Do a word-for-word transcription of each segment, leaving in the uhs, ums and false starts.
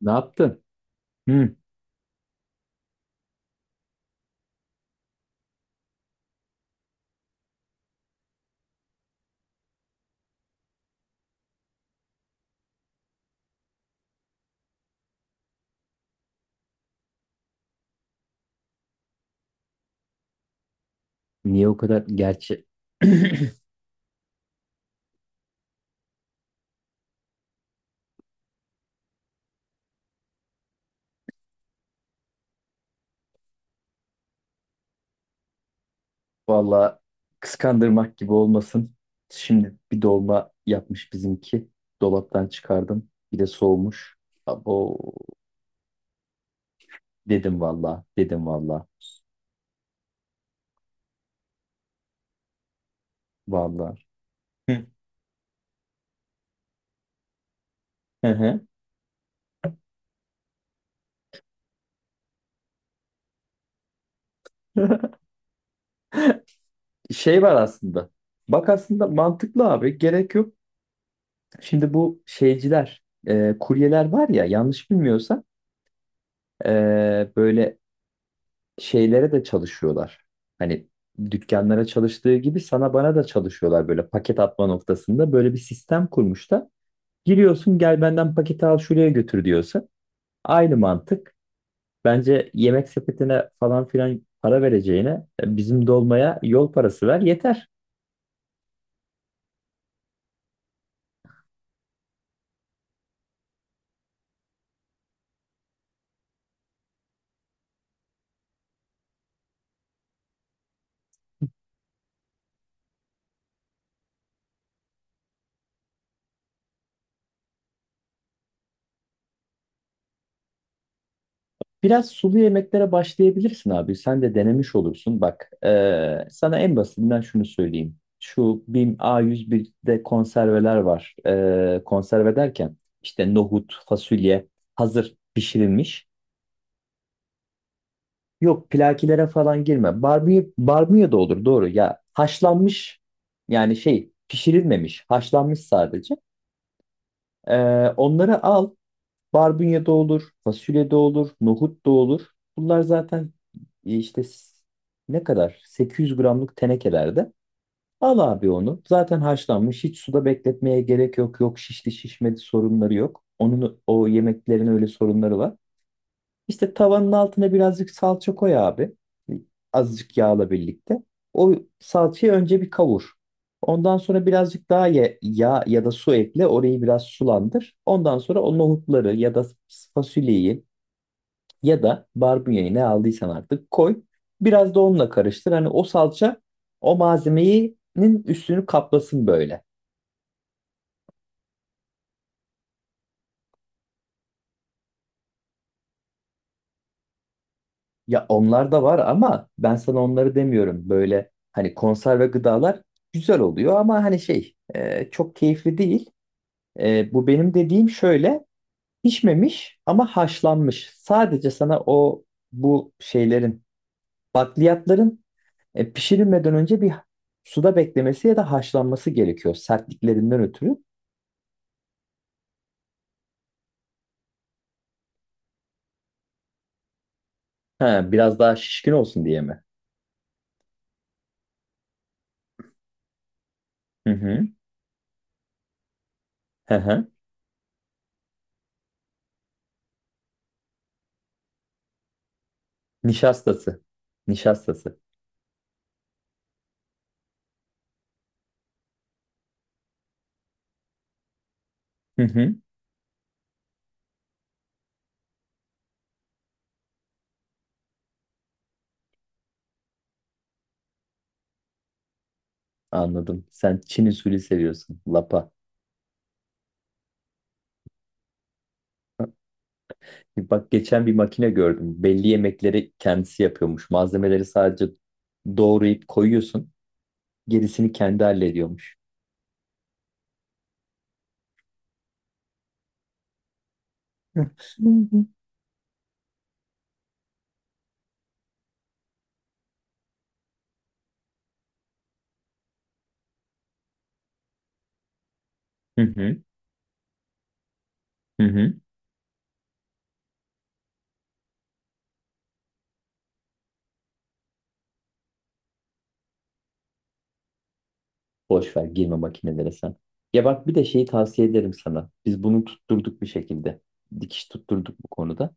Ne yaptın? Hı. Niye o kadar gerçi? Valla kıskandırmak gibi olmasın. Şimdi bir dolma yapmış bizimki. Dolaptan çıkardım. Bir de soğumuş. Abo dedim valla. Dedim valla. Valla. Hı. Hı hı. Şey var aslında. Bak aslında mantıklı abi. Gerek yok. Şimdi bu şeyciler, e, kuryeler var ya yanlış bilmiyorsam e, böyle şeylere de çalışıyorlar. Hani dükkanlara çalıştığı gibi sana bana da çalışıyorlar böyle paket atma noktasında. Böyle bir sistem kurmuşlar. Giriyorsun gel benden paketi al şuraya götür diyorsun. Aynı mantık. Bence yemek sepetine falan filan para vereceğine e, bizim dolmaya yol parası ver yeter. Biraz sulu yemeklere başlayabilirsin abi. Sen de denemiş olursun. Bak, eee, sana en basitinden şunu söyleyeyim. Şu BİM a yüz birde konserveler var. Eee, konserve derken işte nohut, fasulye hazır pişirilmiş. Yok plakilere falan girme. Barbie, barbie da olur doğru ya. Haşlanmış yani şey pişirilmemiş. Haşlanmış sadece. Eee, onları al. Barbunya da olur, fasulye de olur, nohut da olur. Bunlar zaten e, işte s- ne kadar? sekiz yüz gramlık tenekelerde. Al abi onu. Zaten haşlanmış. Hiç suda bekletmeye gerek yok. Yok şişti şişmedi sorunları yok. Onun o yemeklerin öyle sorunları var. İşte tavanın altına birazcık salça koy abi. Azıcık yağla birlikte. O salçayı önce bir kavur. Ondan sonra birazcık daha ya- yağ ya da su ekle. Orayı biraz sulandır. Ondan sonra o nohutları ya da fasulyeyi ya da barbunyayı ne aldıysan artık koy. Biraz da onunla karıştır. Hani o salça o malzemenin üstünü kaplasın böyle. Ya onlar da var ama ben sana onları demiyorum. Böyle hani konserve gıdalar güzel oluyor ama hani şey e, çok keyifli değil. E, bu benim dediğim şöyle pişmemiş ama haşlanmış. Sadece sana o bu şeylerin bakliyatların e, pişirilmeden önce bir suda beklemesi ya da haşlanması gerekiyor sertliklerinden ötürü. Ha, biraz daha şişkin olsun diye mi? Hı hı. Hı hı. Nişastası. Nişastası. Hı hı. Anladım. Sen Çin usulü seviyorsun. Lapa. Bak geçen bir makine gördüm. Belli yemekleri kendisi yapıyormuş. Malzemeleri sadece doğrayıp koyuyorsun. Gerisini kendi hallediyormuş. Hı hı. Hı hı. Hı hı. Boş ver girme makinelere sen. Ya bak bir de şeyi tavsiye ederim sana. Biz bunu tutturduk bir şekilde. Dikiş tutturduk bu konuda.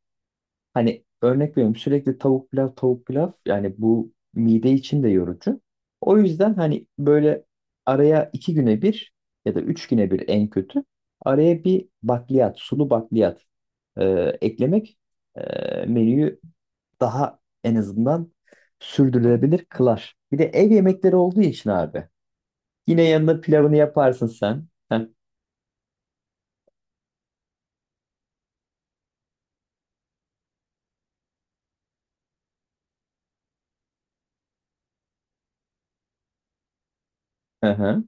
Hani örnek veriyorum sürekli tavuk pilav tavuk pilav yani bu mide için de yorucu. O yüzden hani böyle araya iki güne bir ya da üç güne bir en kötü araya bir bakliyat sulu bakliyat e, eklemek e, menüyü daha en azından sürdürülebilir kılar. Bir de ev yemekleri olduğu için abi yine yanına pilavını yaparsın sen. Heh, hı hı.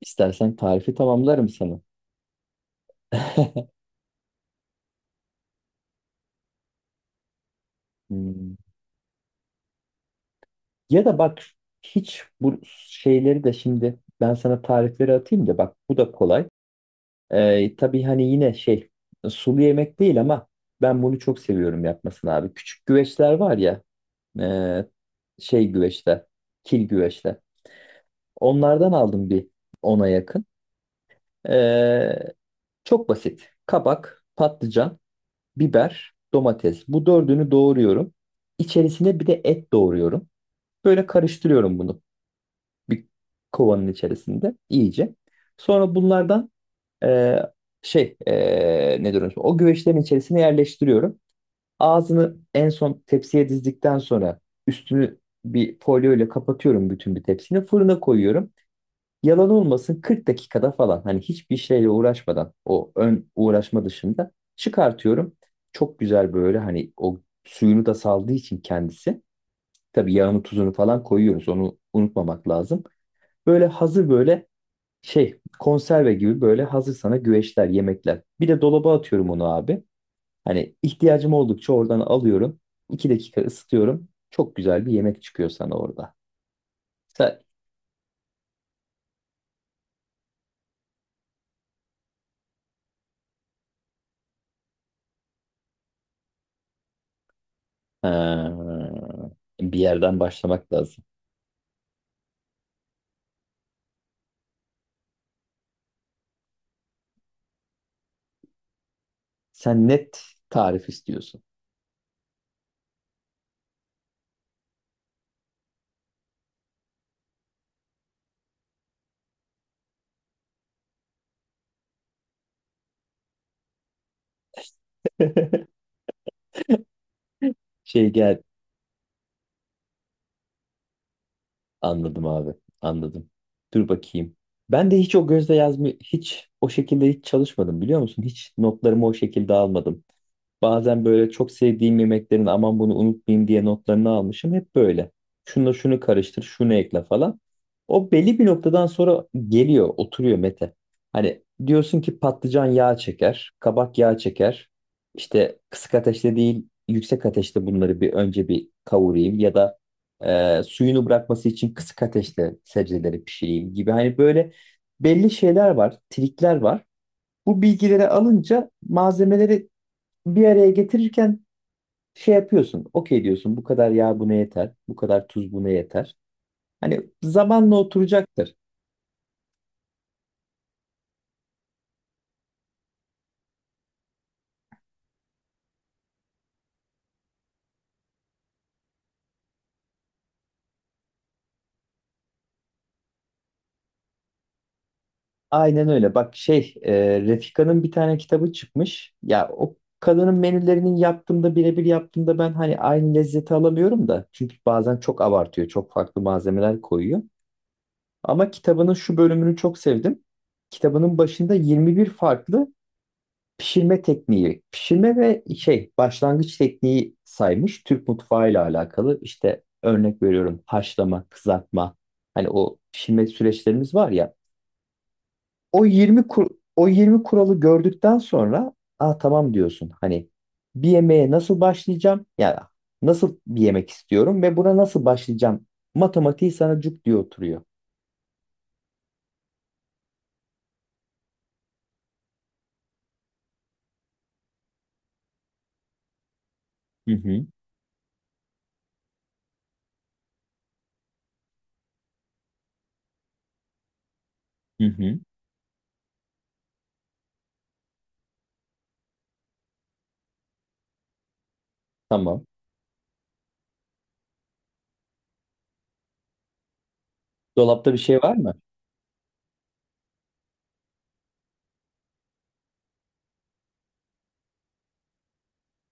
İstersen tarifi tamamlarım sana. Hmm. Ya da bak hiç bu şeyleri de şimdi ben sana tarifleri atayım da bak bu da kolay. Ee, tabii hani yine şey sulu yemek değil ama ben bunu çok seviyorum yapmasını abi. Küçük güveçler var ya e, şey güveçler, kil güveçler. Onlardan aldım bir ona yakın. Ee, çok basit. Kabak, patlıcan, biber, domates. Bu dördünü doğruyorum. İçerisine bir de et doğruyorum. Böyle karıştırıyorum bunu. Bir kovanın içerisinde iyice. Sonra bunlardan e, şey e, ne diyorum o güveçlerin içerisine yerleştiriyorum. Ağzını en son tepsiye dizdikten sonra üstünü bir folyo ile kapatıyorum bütün bir tepsini. Fırına koyuyorum. Yalan olmasın kırk dakikada falan hani hiçbir şeyle uğraşmadan o ön uğraşma dışında çıkartıyorum. Çok güzel böyle hani o suyunu da saldığı için kendisi. Tabii yağını tuzunu falan koyuyoruz onu unutmamak lazım. Böyle hazır böyle şey konserve gibi böyle hazır sana güveçler, yemekler. Bir de dolaba atıyorum onu abi. Hani ihtiyacım oldukça oradan alıyorum. İki dakika ısıtıyorum. Çok güzel bir yemek çıkıyor sana orada. Sen, Ha, bir yerden başlamak lazım. Sen net tarif istiyorsun. Şey gel anladım abi anladım. Dur bakayım. Ben de hiç o gözle yazmıyor hiç o şekilde hiç çalışmadım biliyor musun? Hiç notlarımı o şekilde almadım. Bazen böyle çok sevdiğim yemeklerin aman bunu unutmayayım diye notlarını almışım. Hep böyle. Şunu şunu karıştır, şunu ekle falan. O belli bir noktadan sonra geliyor, oturuyor Mete. Hani diyorsun ki patlıcan yağ çeker, kabak yağ çeker. İşte kısık ateşte değil, yüksek ateşte bunları bir önce bir kavurayım ya da e, suyunu bırakması için kısık ateşte sebzeleri pişireyim gibi. Hani böyle belli şeyler var, trikler var. Bu bilgileri alınca malzemeleri bir araya getirirken şey yapıyorsun. Okey diyorsun bu kadar yağ buna yeter. Bu kadar tuz buna yeter. Hani zamanla oturacaktır. Aynen öyle. Bak şey e, Refika'nın bir tane kitabı çıkmış. Ya o kadının menülerinin yaptığımda birebir yaptığımda ben hani aynı lezzeti alamıyorum da. Çünkü bazen çok abartıyor. Çok farklı malzemeler koyuyor. Ama kitabının şu bölümünü çok sevdim. Kitabının başında yirmi bir farklı pişirme tekniği, pişirme ve şey başlangıç tekniği saymış Türk mutfağıyla alakalı. İşte örnek veriyorum haşlama, kızartma. Hani o pişirme süreçlerimiz var ya. O yirmi kur, o yirmi kuralı gördükten sonra aa tamam diyorsun. Hani bir yemeğe nasıl başlayacağım? Ya nasıl bir yemek istiyorum ve buna nasıl başlayacağım? Matematiği sana cuk diye oturuyor. Hı hı, hı hı, tamam. Dolapta bir şey var mı?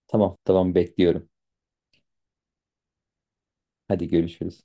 Tamam, tamam bekliyorum. Hadi görüşürüz.